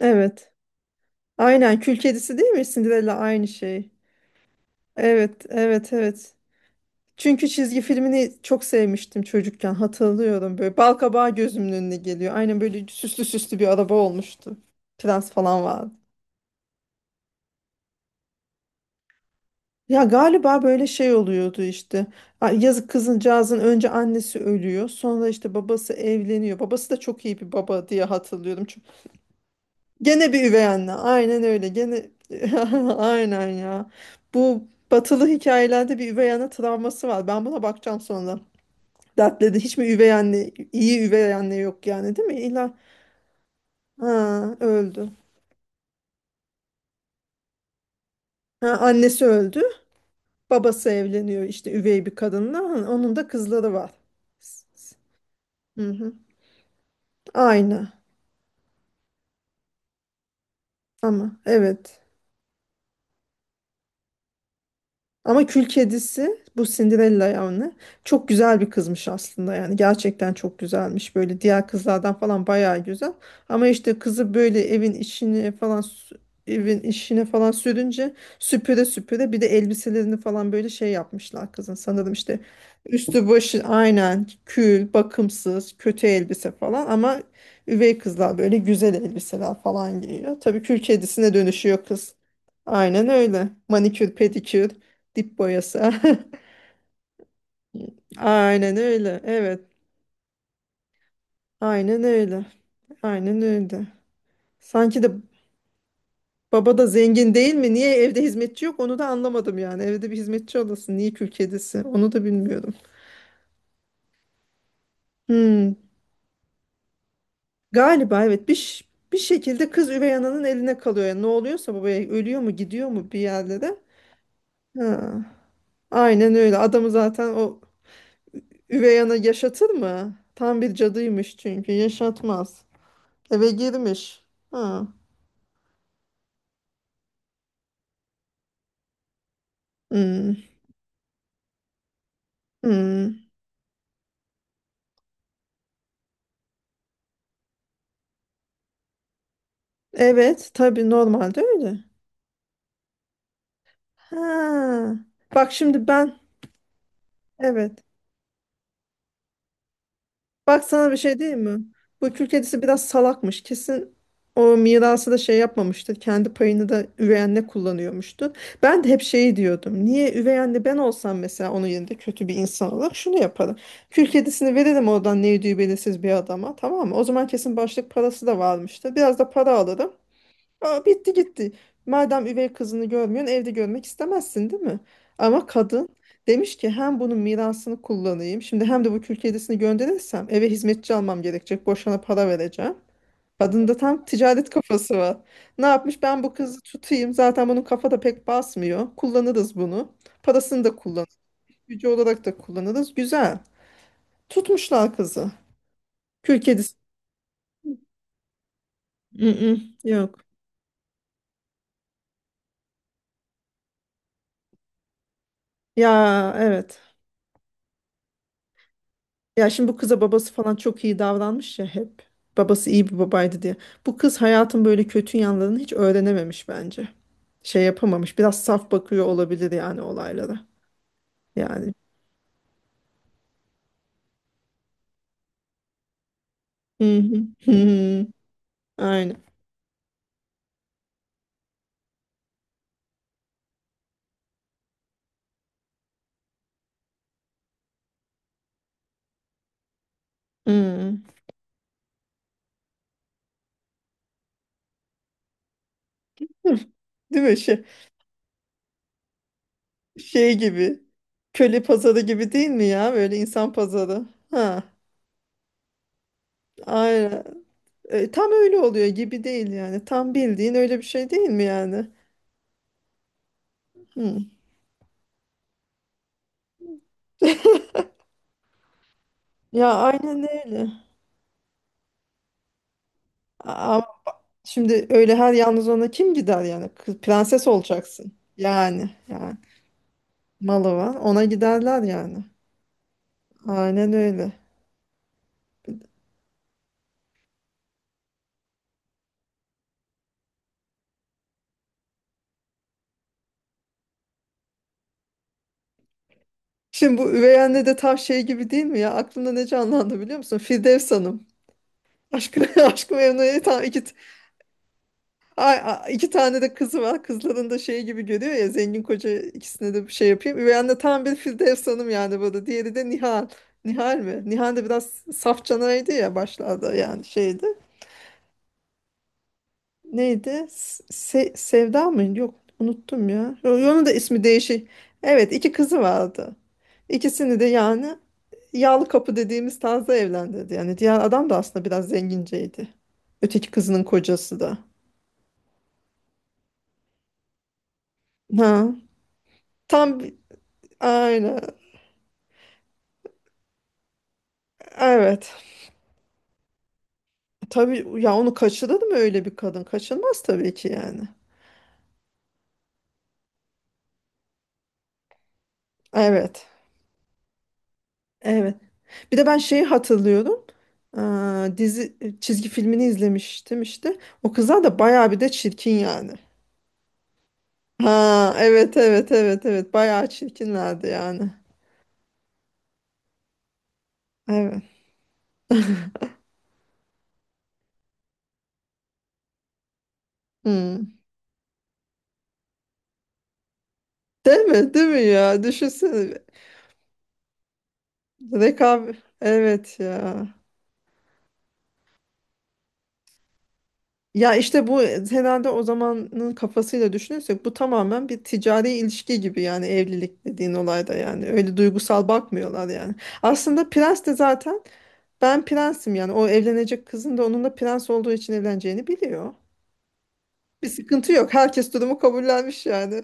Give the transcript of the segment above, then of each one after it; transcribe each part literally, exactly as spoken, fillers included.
Evet. Aynen Kül Kedisi değil mi? Cinderella aynı şey. Evet, evet, evet. Çünkü çizgi filmini çok sevmiştim çocukken hatırlıyorum böyle. Balkabağı gözümün önüne geliyor. Aynen böyle süslü süslü bir araba olmuştu. Prens falan vardı. Ya galiba böyle şey oluyordu işte. A- Yazık kızıncağızın önce annesi ölüyor. Sonra işte babası evleniyor. Babası da çok iyi bir baba diye hatırlıyorum. Gene bir üvey anne. Aynen öyle. Gene aynen ya. Bu batılı hikayelerde bir üvey anne travması var. Ben buna bakacağım sonra. Dertledi. Hiç mi üvey anne, iyi üvey anne yok yani değil mi? İlla ha, öldü. Ha, annesi öldü. Babası evleniyor işte üvey bir kadınla. Ha, onun da kızları var. Hı hı. Aynı ama evet. Ama kül kedisi bu Cinderella yani çok güzel bir kızmış aslında yani gerçekten çok güzelmiş böyle diğer kızlardan falan bayağı güzel ama işte kızı böyle evin içine falan sü- evin işine falan sürünce süpüre süpüre bir de elbiselerini falan böyle şey yapmışlar kızın sanırım işte üstü başı aynen kül bakımsız kötü elbise falan ama üvey kızlar böyle güzel elbiseler falan giyiyor tabii kül kedisine dönüşüyor kız aynen öyle manikür pedikür. Dip boyası. Aynen öyle. Evet. Aynen öyle. Aynen öyle. Sanki de baba da zengin değil mi? Niye evde hizmetçi yok? Onu da anlamadım yani. Evde bir hizmetçi olasın. Niye kül kedisi? Onu da bilmiyorum. Hmm. Galiba evet bir ş- bir şekilde kız üvey ananın eline kalıyor. Yani ne oluyorsa babaya ölüyor mu gidiyor mu bir yerde de. Ha. Aynen öyle. Adamı zaten o üvey ana yaşatır mı? Tam bir cadıymış çünkü yaşatmaz. Eve girmiş. Ha. Hmm. Hmm. Evet, tabii normalde öyle. Ha. Bak şimdi ben evet. Bak sana bir şey diyeyim mi? Bu kül kedisi biraz salakmış. Kesin o mirası da şey yapmamıştır. Kendi payını da üvey anne kullanıyormuştu. Ben de hep şeyi diyordum. Niye üvey anne ben olsam mesela onun yerinde kötü bir insan olarak şunu yaparım. Kül kedisini veririm oradan ne ödüğü belirsiz bir adama tamam mı? O zaman kesin başlık parası da varmıştır. Biraz da para alırım. Aa, bitti gitti. Madem üvey kızını görmüyorsun, evde görmek istemezsin, değil mi? Ama kadın demiş ki hem bunun mirasını kullanayım, şimdi hem de bu kül kedisini gönderirsem eve hizmetçi almam gerekecek, boşuna para vereceğim. Kadın da tam ticaret kafası var. Ne yapmış? Ben bu kızı tutayım. Zaten bunun kafa da pek basmıyor. Kullanırız bunu. Parasını da kullanırız. Gücü olarak da kullanırız. Güzel. Tutmuşlar kızı. Kül kedisi. Mm, mm, Yok. Ya evet. Ya şimdi bu kıza babası falan çok iyi davranmış ya hep. Babası iyi bir babaydı diye. Bu kız hayatın böyle kötü yanlarını hiç öğrenememiş bence. Şey yapamamış. Biraz saf bakıyor olabilir yani olaylara. Yani. Hı hı. Hı hı. Aynen. Hı hı. Değil mi? Şey, şey gibi. Köle pazarı gibi değil mi ya? Böyle insan pazarı. Ha. Aynen. E, tam öyle oluyor gibi değil yani. Tam bildiğin öyle bir şey değil mi yani? Hı. Ya aynen öyle. A- Şimdi öyle her yalnız ona kim gider yani? Kız- Prenses olacaksın. Yani, yani malı var. Ona giderler yani. Aynen öyle. Şimdi bu üvey anne de tam şey gibi değil mi ya? Aklımda ne canlandı biliyor musun? Firdevs Hanım. Aşkı, aşkı Memnu'ya tam iki, t- ay, ay- iki tane de kızı var. Kızların da şey gibi görüyor ya zengin koca ikisine de bir şey yapayım. Üvey anne tam bir Firdevs Hanım yani burada. Diğeri de Nihal. Nihal mi? Nihal de biraz saf canaydı ya başlarda yani şeydi. Neydi? Se- Sevda mıydı? Yok unuttum ya. Yo- yo, onun da ismi değişik. Evet iki kızı vardı. İkisini de yani yağlı kapı dediğimiz tarzda evlendirdi. Yani diğer adam da aslında biraz zenginceydi. Öteki kızının kocası da. Ha. Tam bi- aynen. Evet. Tabii ya onu kaçırır mı öyle bir kadın? Kaçırmaz tabii ki yani. Evet. Evet. Bir de ben şeyi hatırlıyorum. Aa, dizi çizgi filmini izlemiştim işte. O kızlar da bayağı bir de çirkin yani. Ha evet evet evet evet bayağı çirkinlerdi yani. Evet. Hmm. Değil mi? Değil mi ya? Düşünsene. Rekabet. Evet ya. Ya işte bu herhalde o zamanın kafasıyla düşünürsek bu tamamen bir ticari ilişki gibi yani evlilik dediğin olayda yani öyle duygusal bakmıyorlar yani. Aslında Prens de zaten ben prensim yani. O evlenecek kızın da onun da prens olduğu için evleneceğini biliyor. Bir sıkıntı yok. Herkes durumu kabullenmiş yani.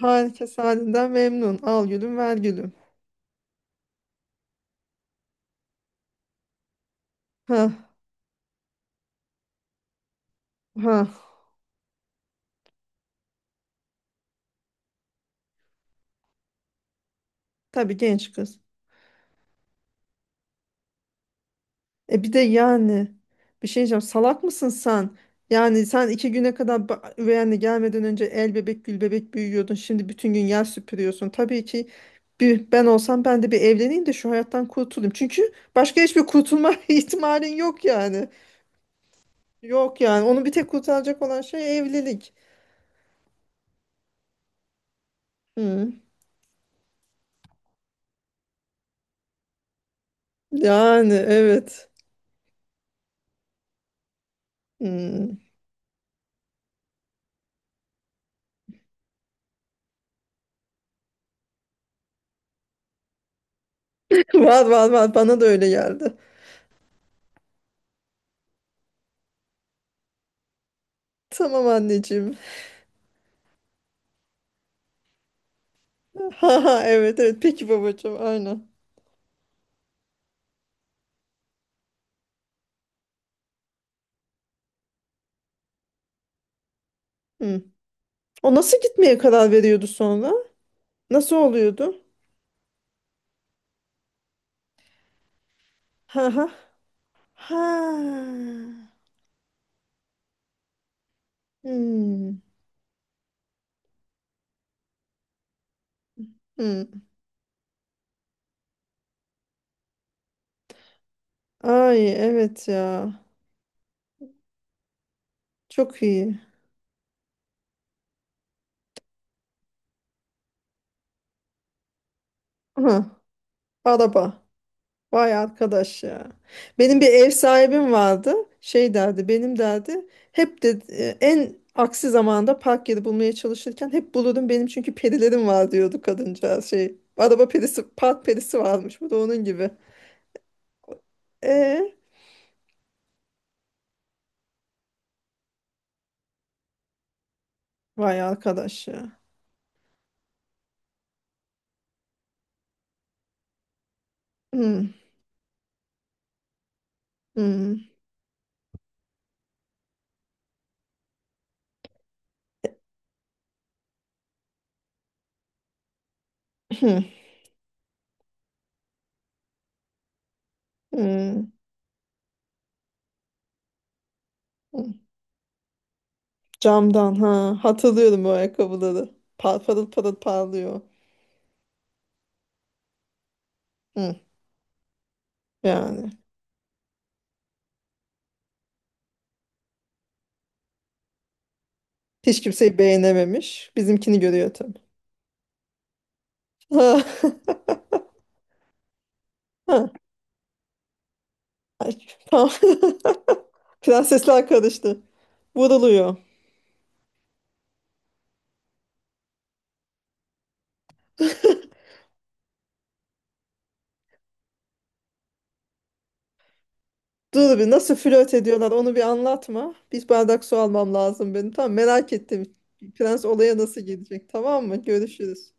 Herkes halinden memnun. Al gülüm ver gülüm. Ha ha. Tabii genç kız. E bir de yani bir şey diyeceğim. Salak mısın sen? Yani sen iki güne kadar ba- üvey anne gelmeden önce el bebek gül bebek büyüyordun. Şimdi bütün gün yer süpürüyorsun. Tabii ki bir, ben olsam ben de bir evleneyim de şu hayattan kurtulayım. Çünkü başka hiçbir kurtulma ihtimalin yok yani. Yok yani onu bir tek kurtaracak olan şey evlilik. Hmm. Yani evet. Hmm. Var var var bana da öyle geldi. Tamam anneciğim. Ha ha evet evet peki babacığım aynen. Hmm. O nasıl gitmeye karar veriyordu sonra? Nasıl oluyordu? Ha ha. Ha. Hmm. Hmm. Ay evet ya. Çok iyi. Ha. Araba. Vay arkadaş ya. Benim bir ev sahibim vardı. Şey derdi, benim derdi. Hep de e, en aksi zamanda park yeri bulmaya çalışırken hep bulurdum benim çünkü perilerim var diyordu kadıncağız şey. Araba perisi, park perisi varmış. Bu da onun gibi. E vay arkadaş ya. Hmm, hmm, hmm, hmm, hmm. Camdan ha hatırlıyorum o ayakkabıları. Par, parıl parıl parlıyor. Hmm, yani hiç kimseyi beğenememiş. Bizimkini görüyor tabii. Ha. Ay, tamam. Prensesler karıştı. Vuruluyor. Dur bir nasıl flört ediyorlar onu bir anlatma. Bir bardak su almam lazım benim. Tamam merak ettim. Prens olaya nasıl gelecek tamam mı? Görüşürüz.